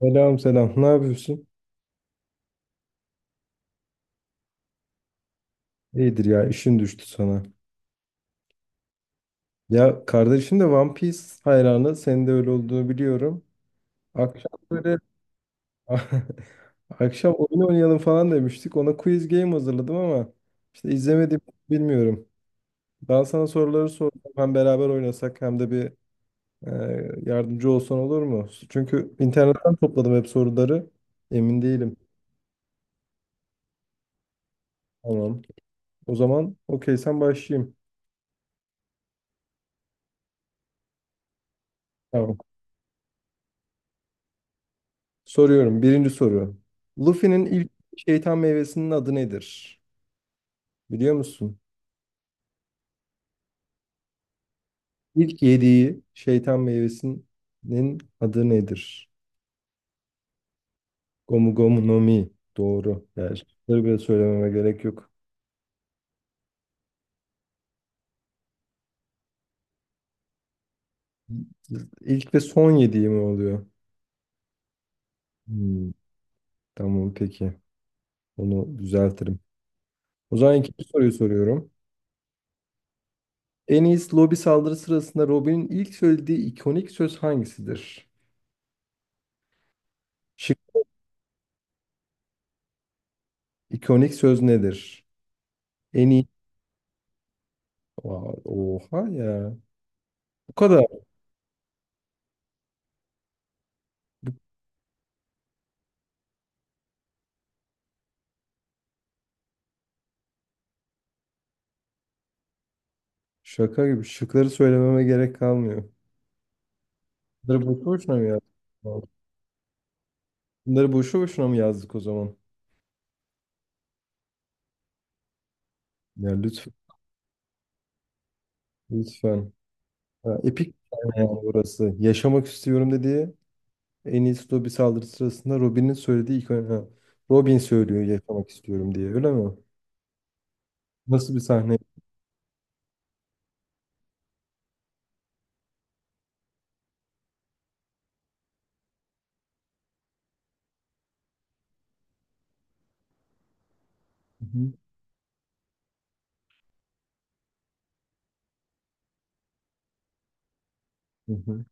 Selam selam. Ne yapıyorsun? İyidir ya, işin düştü sana. Ya, kardeşin de One Piece hayranı. Senin de öyle olduğunu biliyorum. Akşam böyle akşam oyun oynayalım falan demiştik. Ona quiz game hazırladım ama işte izlemedim bilmiyorum. Ben sana soruları sordum. Hem beraber oynasak hem de bir e, yardımcı olsan olur mu? Çünkü internetten topladım hep soruları. Emin değilim. Tamam. O zaman okey sen başlayayım. Tamam. Soruyorum. Birinci soru. Luffy'nin ilk şeytan meyvesinin adı nedir? Biliyor musun? İlk yediği şeytan meyvesinin adı nedir? Gomu Gomu no Mi. Doğru. Yani şıkları bile söylememe gerek yok. İlk ve son yediği mi oluyor? Hmm, tamam peki. Onu düzeltirim. O zaman ikinci soruyu soruyorum. En iyisi lobi saldırı sırasında Robin'in ilk söylediği ikonik söz hangisidir? Şık ikonik söz nedir? En iyi vay, oha ya. Bu kadar. Şaka gibi. Şıkları söylememe gerek kalmıyor. Bunları boşu boşuna mı yazdık? Bunları boşu boşuna mı yazdık o zaman? Ya lütfen. Lütfen. Ya, epik bir sahne yani burası. Yaşamak istiyorum dediği en iyisi Dobby saldırı sırasında Robin'in söylediği ilk ha, Robin söylüyor yaşamak istiyorum diye. Öyle mi? Nasıl bir sahne? Hı hı. Hı hı.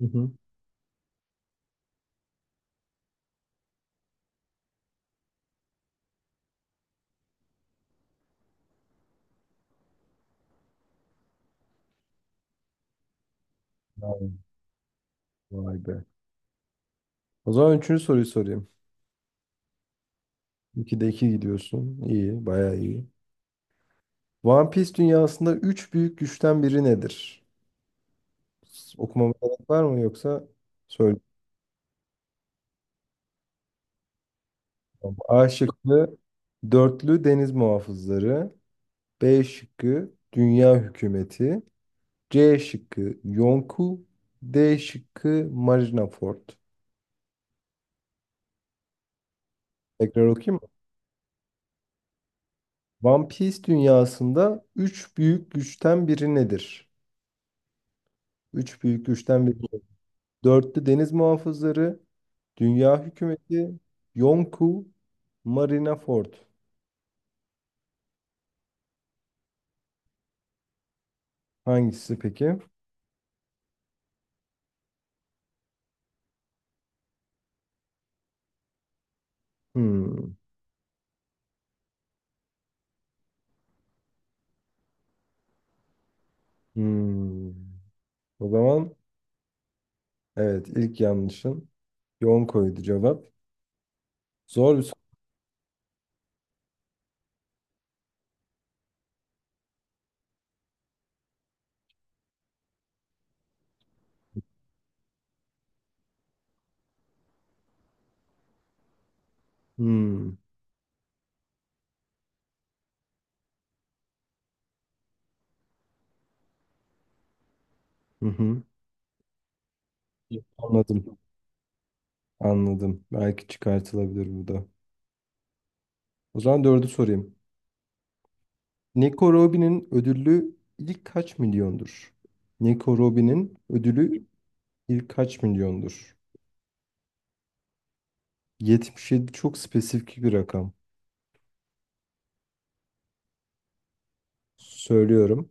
Hı hı. Vay, vay be. O zaman üçüncü soruyu sorayım. İkide iki gidiyorsun. İyi. Bayağı iyi. One Piece dünyasında üç büyük güçten biri nedir? Okumama gerek var mı yoksa söyleyeyim mi? A şıkkı dörtlü deniz muhafızları. B şıkkı dünya hükümeti. C şıkkı Yonku. D şıkkı Marineford. Tekrar okuyayım mı? One Piece dünyasında üç büyük güçten biri nedir? Üç büyük güçten biri. Dörtlü deniz muhafızları, dünya hükümeti, Yonku, Marineford. Hangisi peki? Hmm. Hmm. O zaman evet ilk yanlışın yoğun koydu cevap. Zor bir soru. Hmm. Hı hı. Anladım. Anladım. Belki çıkartılabilir bu da. O zaman dördü sorayım. Nico Robin'in ödüllü ilk kaç milyondur? Nico Robin'in ödülü ilk kaç milyondur? 77 çok spesifik bir rakam. Söylüyorum.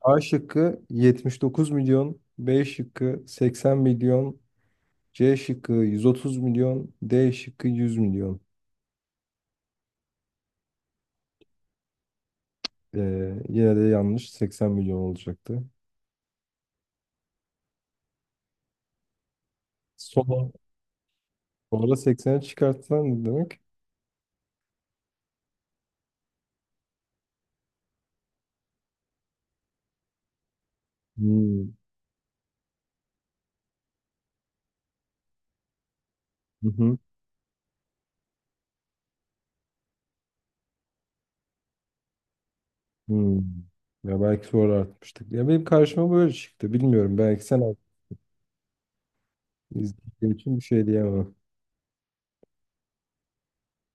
A şıkkı 79 milyon, B şıkkı 80 milyon, C şıkkı 130 milyon, D şıkkı 100 milyon. Yine de yanlış, 80 milyon olacaktı. Sola. Sonra 80'e çıkartsan ne demek? Hmm. Hı hı. Hmm. Ya belki sonra artmıştık. Ya benim karşıma böyle çıktı. Bilmiyorum. Belki sen alt- izlediğin için bir şey diyemem.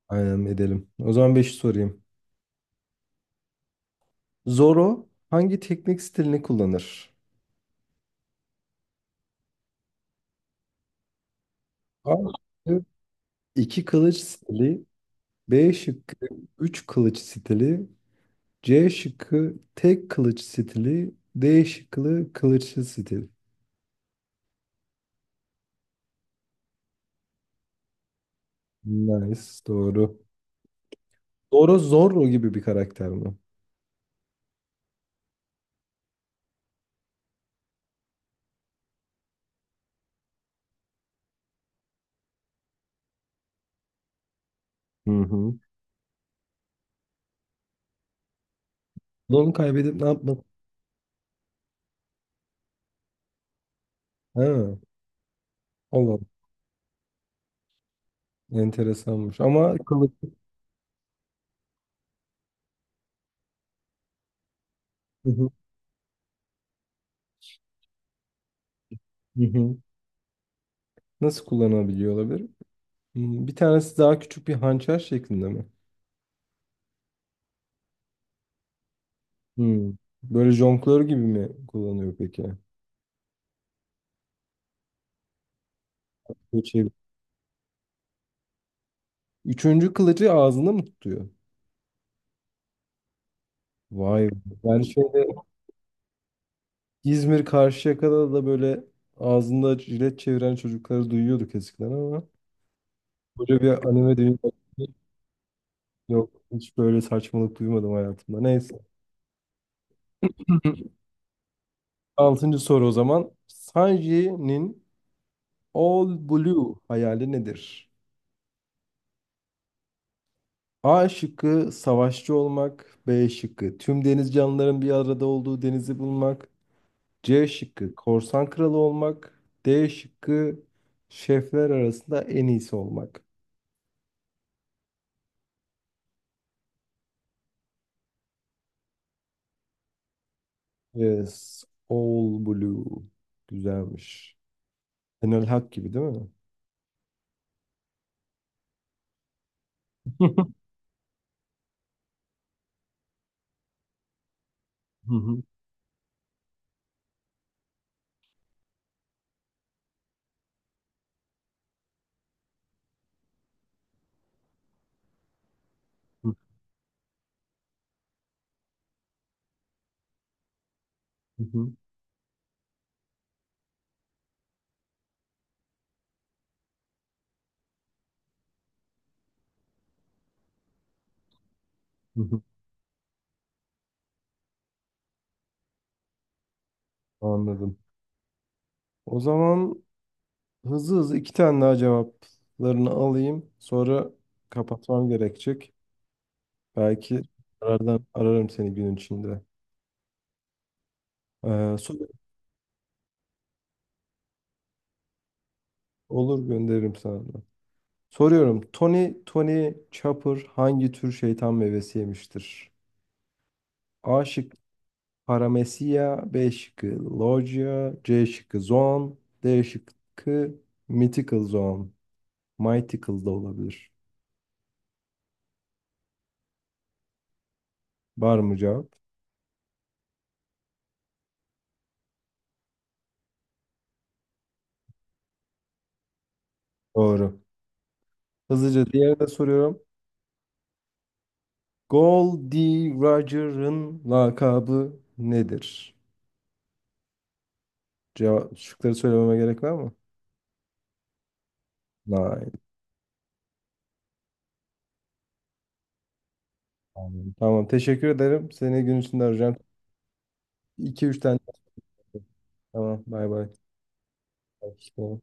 Aynen edelim. O zaman 5'i sorayım. Zoro hangi teknik stilini kullanır? A şıkkı 2 kılıç stili, B şıkkı 3 kılıç stili, C şıkkı tek kılıç stili, D şıkkı kılıçlı stil. Nice, doğru. Doğru, Zorro gibi bir karakter mi? Hı hı. Onu kaybedip ne yapmak? Ha, Allah, enteresanmış. Ama kılıç hı hı. Hı hı. Nasıl kullanabiliyor olabilir? Hmm, bir tanesi daha küçük bir hançer şeklinde mi? Hmm. Böyle jonglör gibi mi kullanıyor peki? Şey- üçüncü kılıcı ağzında mı tutuyor? Vay be. Ben şey İzmir Karşıyaka'da da böyle ağzında jilet çeviren çocukları duyuyorduk eskiden ama böyle bir anime dünyası yok. Hiç böyle saçmalık duymadım hayatımda. Neyse. Altıncı soru o zaman. Sanji'nin All Blue hayali nedir? A şıkkı savaşçı olmak. B şıkkı tüm deniz canlıların bir arada olduğu denizi bulmak. C şıkkı korsan kralı olmak. D şıkkı şefler arasında en iyisi olmak. Yes. All Blue. Güzelmiş. Enel Hak gibi değil mi? Hı hı, hı hı, hı hı. Anladım. O zaman hızlı hızlı iki tane daha cevaplarını alayım. Sonra kapatmam gerekecek. Belki arardan ararım seni gün içinde. Ee, sor- olur, gönderirim sana da. Soruyorum. Tony Tony Chopper hangi tür şeytan meyvesi yemiştir? A şıkkı Paramecia, B şıkkı Loggia, C şıkkı Zoan, D şıkkı Mythical Zoan. Mythical da olabilir. Var mı cevap? Doğru. Hızlıca diğerini de soruyorum. Goldie Roger'ın lakabı nedir? Cevap, şıkları söylememe gerek var mı? Hayır. Tamam, tamam, teşekkür ederim. Seni gün içinde arayacağım. 2 üç tane. Tamam, bay bay. Hoşça kal.